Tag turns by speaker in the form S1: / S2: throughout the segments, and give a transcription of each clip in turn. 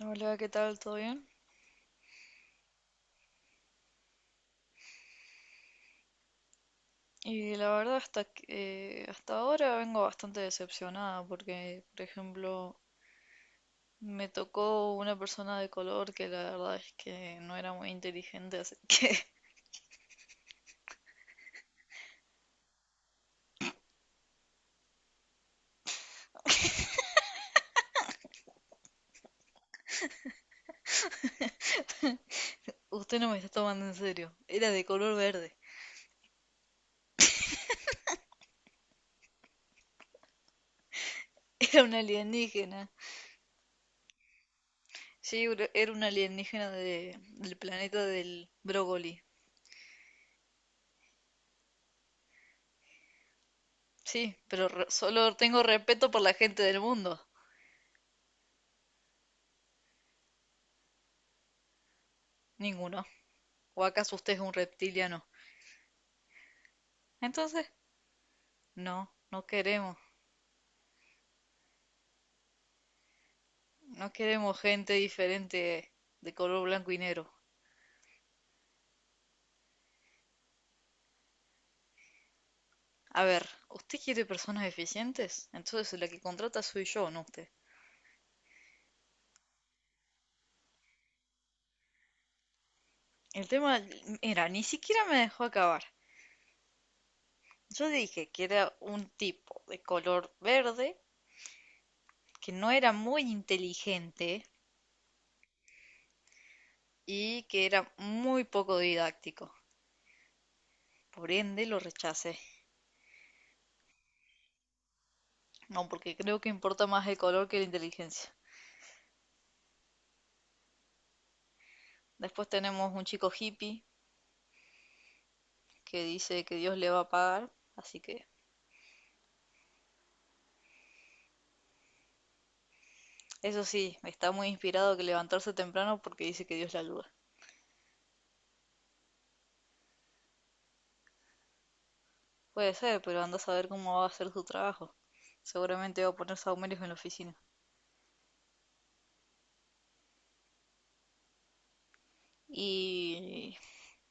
S1: Hola, ¿qué tal? ¿Todo bien? Y la verdad hasta, hasta ahora vengo bastante decepcionada porque, por ejemplo, me tocó una persona de color que la verdad es que no era muy inteligente, así que usted no me está tomando en serio. Era de color verde. Era un alienígena. Sí, era un alienígena del planeta del brócoli. Sí, pero solo tengo respeto por la gente del mundo. Ninguno. ¿O acaso usted es un reptiliano? Entonces, no, no queremos. No queremos gente diferente de color blanco y negro. A ver, ¿usted quiere personas eficientes? Entonces la que contrata soy yo, no usted. El tema, mira, ni siquiera me dejó acabar. Yo dije que era un tipo de color verde, que no era muy inteligente y que era muy poco didáctico. Por ende, lo rechacé. No, porque creo que importa más el color que la inteligencia. Después tenemos un chico hippie que dice que Dios le va a pagar, así que eso sí, está muy inspirado que levantarse temprano porque dice que Dios le ayuda. Puede ser, pero anda a saber cómo va a hacer su trabajo. Seguramente va a poner sahumerios en la oficina. Y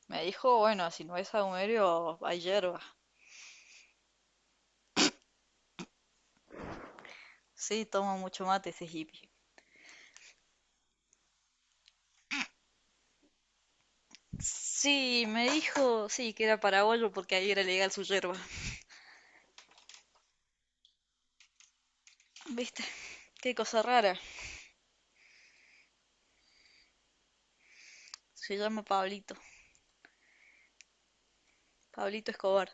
S1: me dijo, bueno, si no es sahumerio, hay hierba. Sí, toma mucho mate ese hippie. Sí, me dijo, sí, que era paraguayo porque ahí era legal su hierba. ¿Viste? Qué cosa rara. Se llama Pablito. Pablito Escobar.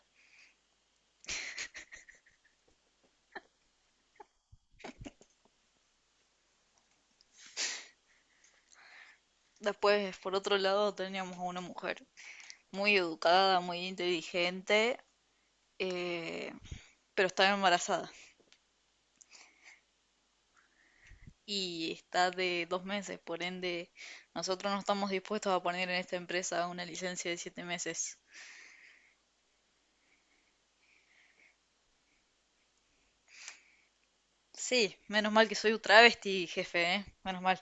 S1: Después, por otro lado, teníamos a una mujer muy educada, muy inteligente, eh, pero estaba embarazada y está de 2 meses, por ende nosotros no estamos dispuestos a poner en esta empresa una licencia de 7 meses. Sí, menos mal que soy un travesti, jefe, ¿eh? Menos mal.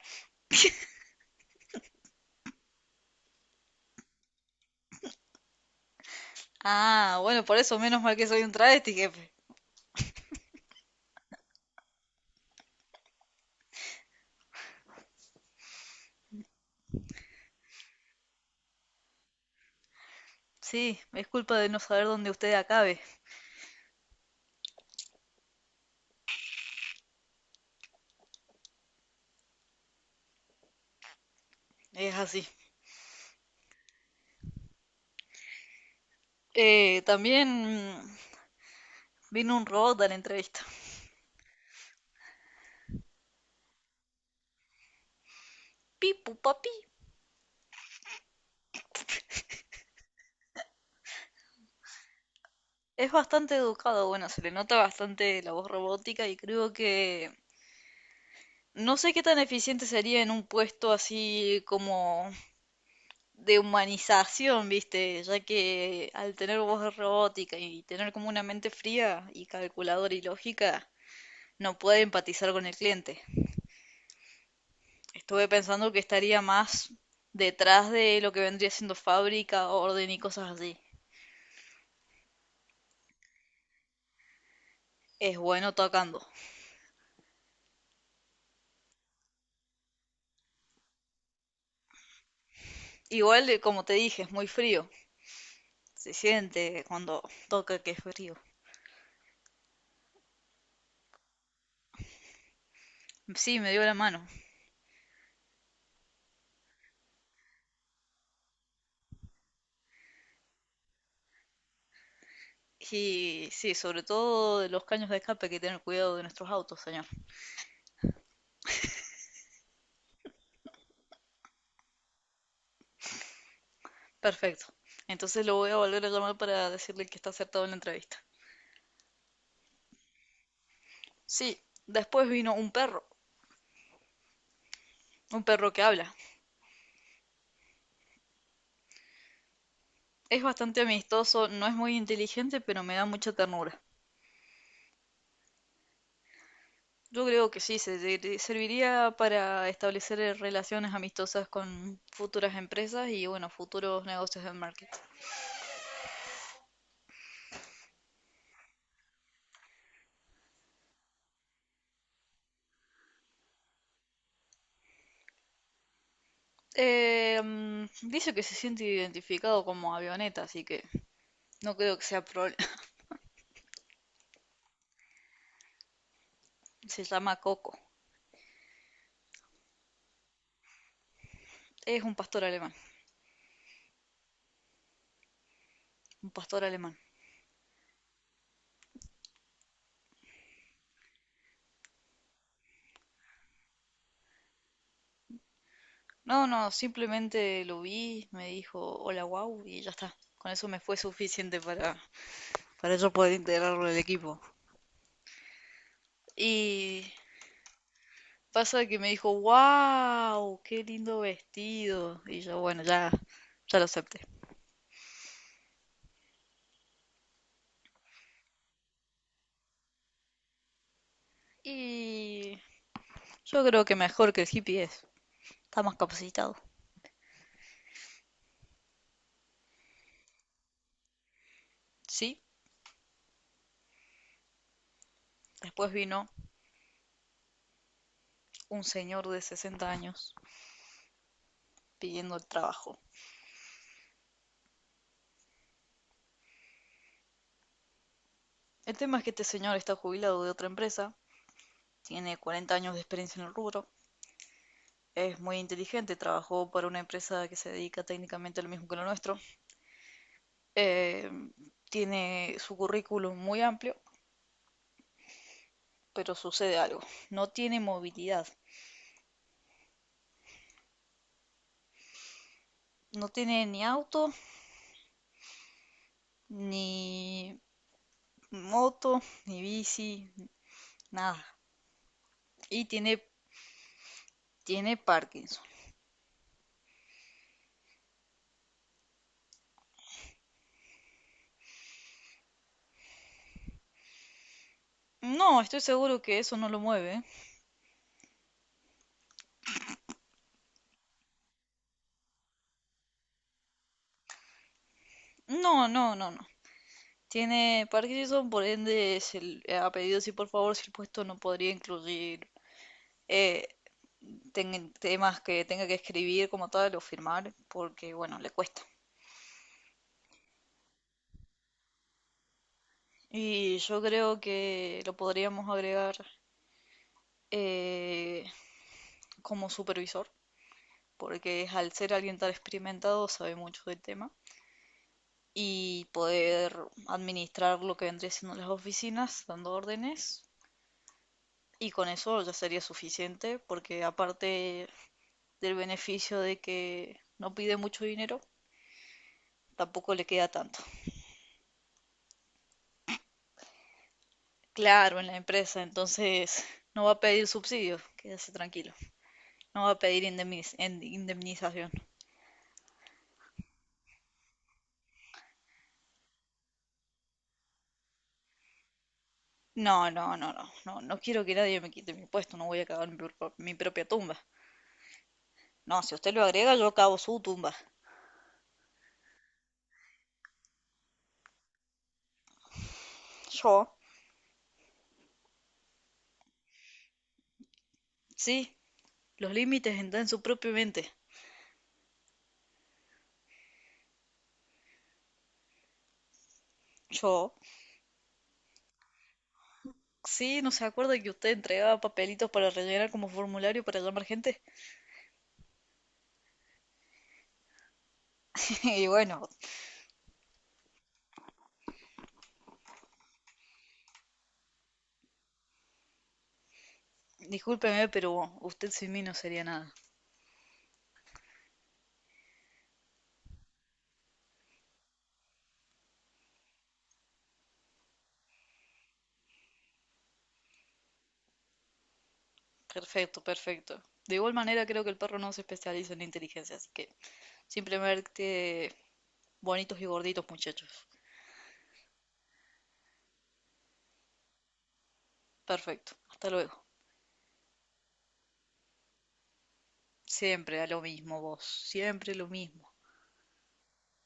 S1: Ah, bueno, por eso menos mal que soy un travesti, jefe. Sí, es culpa de no saber dónde usted acabe. Es así. También vino un robot a la entrevista. Pipu, papi. Es bastante educado, bueno, se le nota bastante la voz robótica y creo que no sé qué tan eficiente sería en un puesto así como de humanización, ¿viste? Ya que al tener voz robótica y tener como una mente fría y calculadora y lógica, no puede empatizar con el cliente. Estuve pensando que estaría más detrás de lo que vendría siendo fábrica, orden y cosas así. Es bueno tocando. Igual, como te dije, es muy frío. Se siente cuando toca que es frío. Sí, me dio la mano. Y sí, sobre todo de los caños de escape, hay que tener cuidado de nuestros autos, señor. Perfecto. Entonces lo voy a volver a llamar para decirle que está acertado en la entrevista. Sí, después vino un perro que habla. Es bastante amistoso, no es muy inteligente, pero me da mucha ternura. Yo creo que sí, se serviría para establecer relaciones amistosas con futuras empresas y, bueno, futuros negocios de marketing. Dice que se siente identificado como avioneta, así que no creo que sea problema. Se llama Coco. Es un pastor alemán. Un pastor alemán. No, no, simplemente lo vi, me dijo hola wow y ya está. Con eso me fue suficiente para yo poder integrarlo al equipo. Y pasa que me dijo wow, qué lindo vestido. Y yo, bueno, ya, ya lo acepté. Y yo creo que mejor que el hippie es. Está más capacitado. Sí. Después vino un señor de 60 años pidiendo el trabajo. El tema es que este señor está jubilado de otra empresa, tiene 40 años de experiencia en el rubro, es muy inteligente, trabajó para una empresa que se dedica técnicamente a lo mismo que lo nuestro, eh, tiene su currículum muy amplio, pero sucede algo, no tiene movilidad, no tiene ni auto, ni moto, ni bici, nada, y tiene, tiene Parkinson. No, estoy seguro que eso no lo mueve, ¿eh? No, no, no, no. Tiene Parkinson, por ende, ha pedido si por favor si el puesto no podría incluir eh, temas que tenga que escribir como tal o firmar, porque bueno, le cuesta. Y yo creo que lo podríamos agregar eh, como supervisor, porque al ser alguien tan experimentado sabe mucho del tema y poder administrar lo que vendría siendo las oficinas, dando órdenes. Y con eso ya sería suficiente, porque aparte del beneficio de que no pide mucho dinero, tampoco le queda tanto. Claro, en la empresa, entonces no va a pedir subsidios, quédese tranquilo. No va a pedir indemnización. No, no, no, no, no, no quiero que nadie me quite mi puesto, no voy a cavar mi propia tumba. No, si usted lo agrega, yo cavo su tumba. Yo. Sí, los límites están en su propia mente. Yo. Sí, ¿no se acuerda que usted entregaba papelitos para rellenar como formulario para llamar gente? Y bueno, discúlpeme, pero usted sin mí no sería nada. Perfecto, perfecto. De igual manera, creo que el perro no se especializa en inteligencia, así que simplemente bonitos y gorditos, muchachos. Perfecto. Hasta luego. Siempre a lo mismo vos. Siempre lo mismo.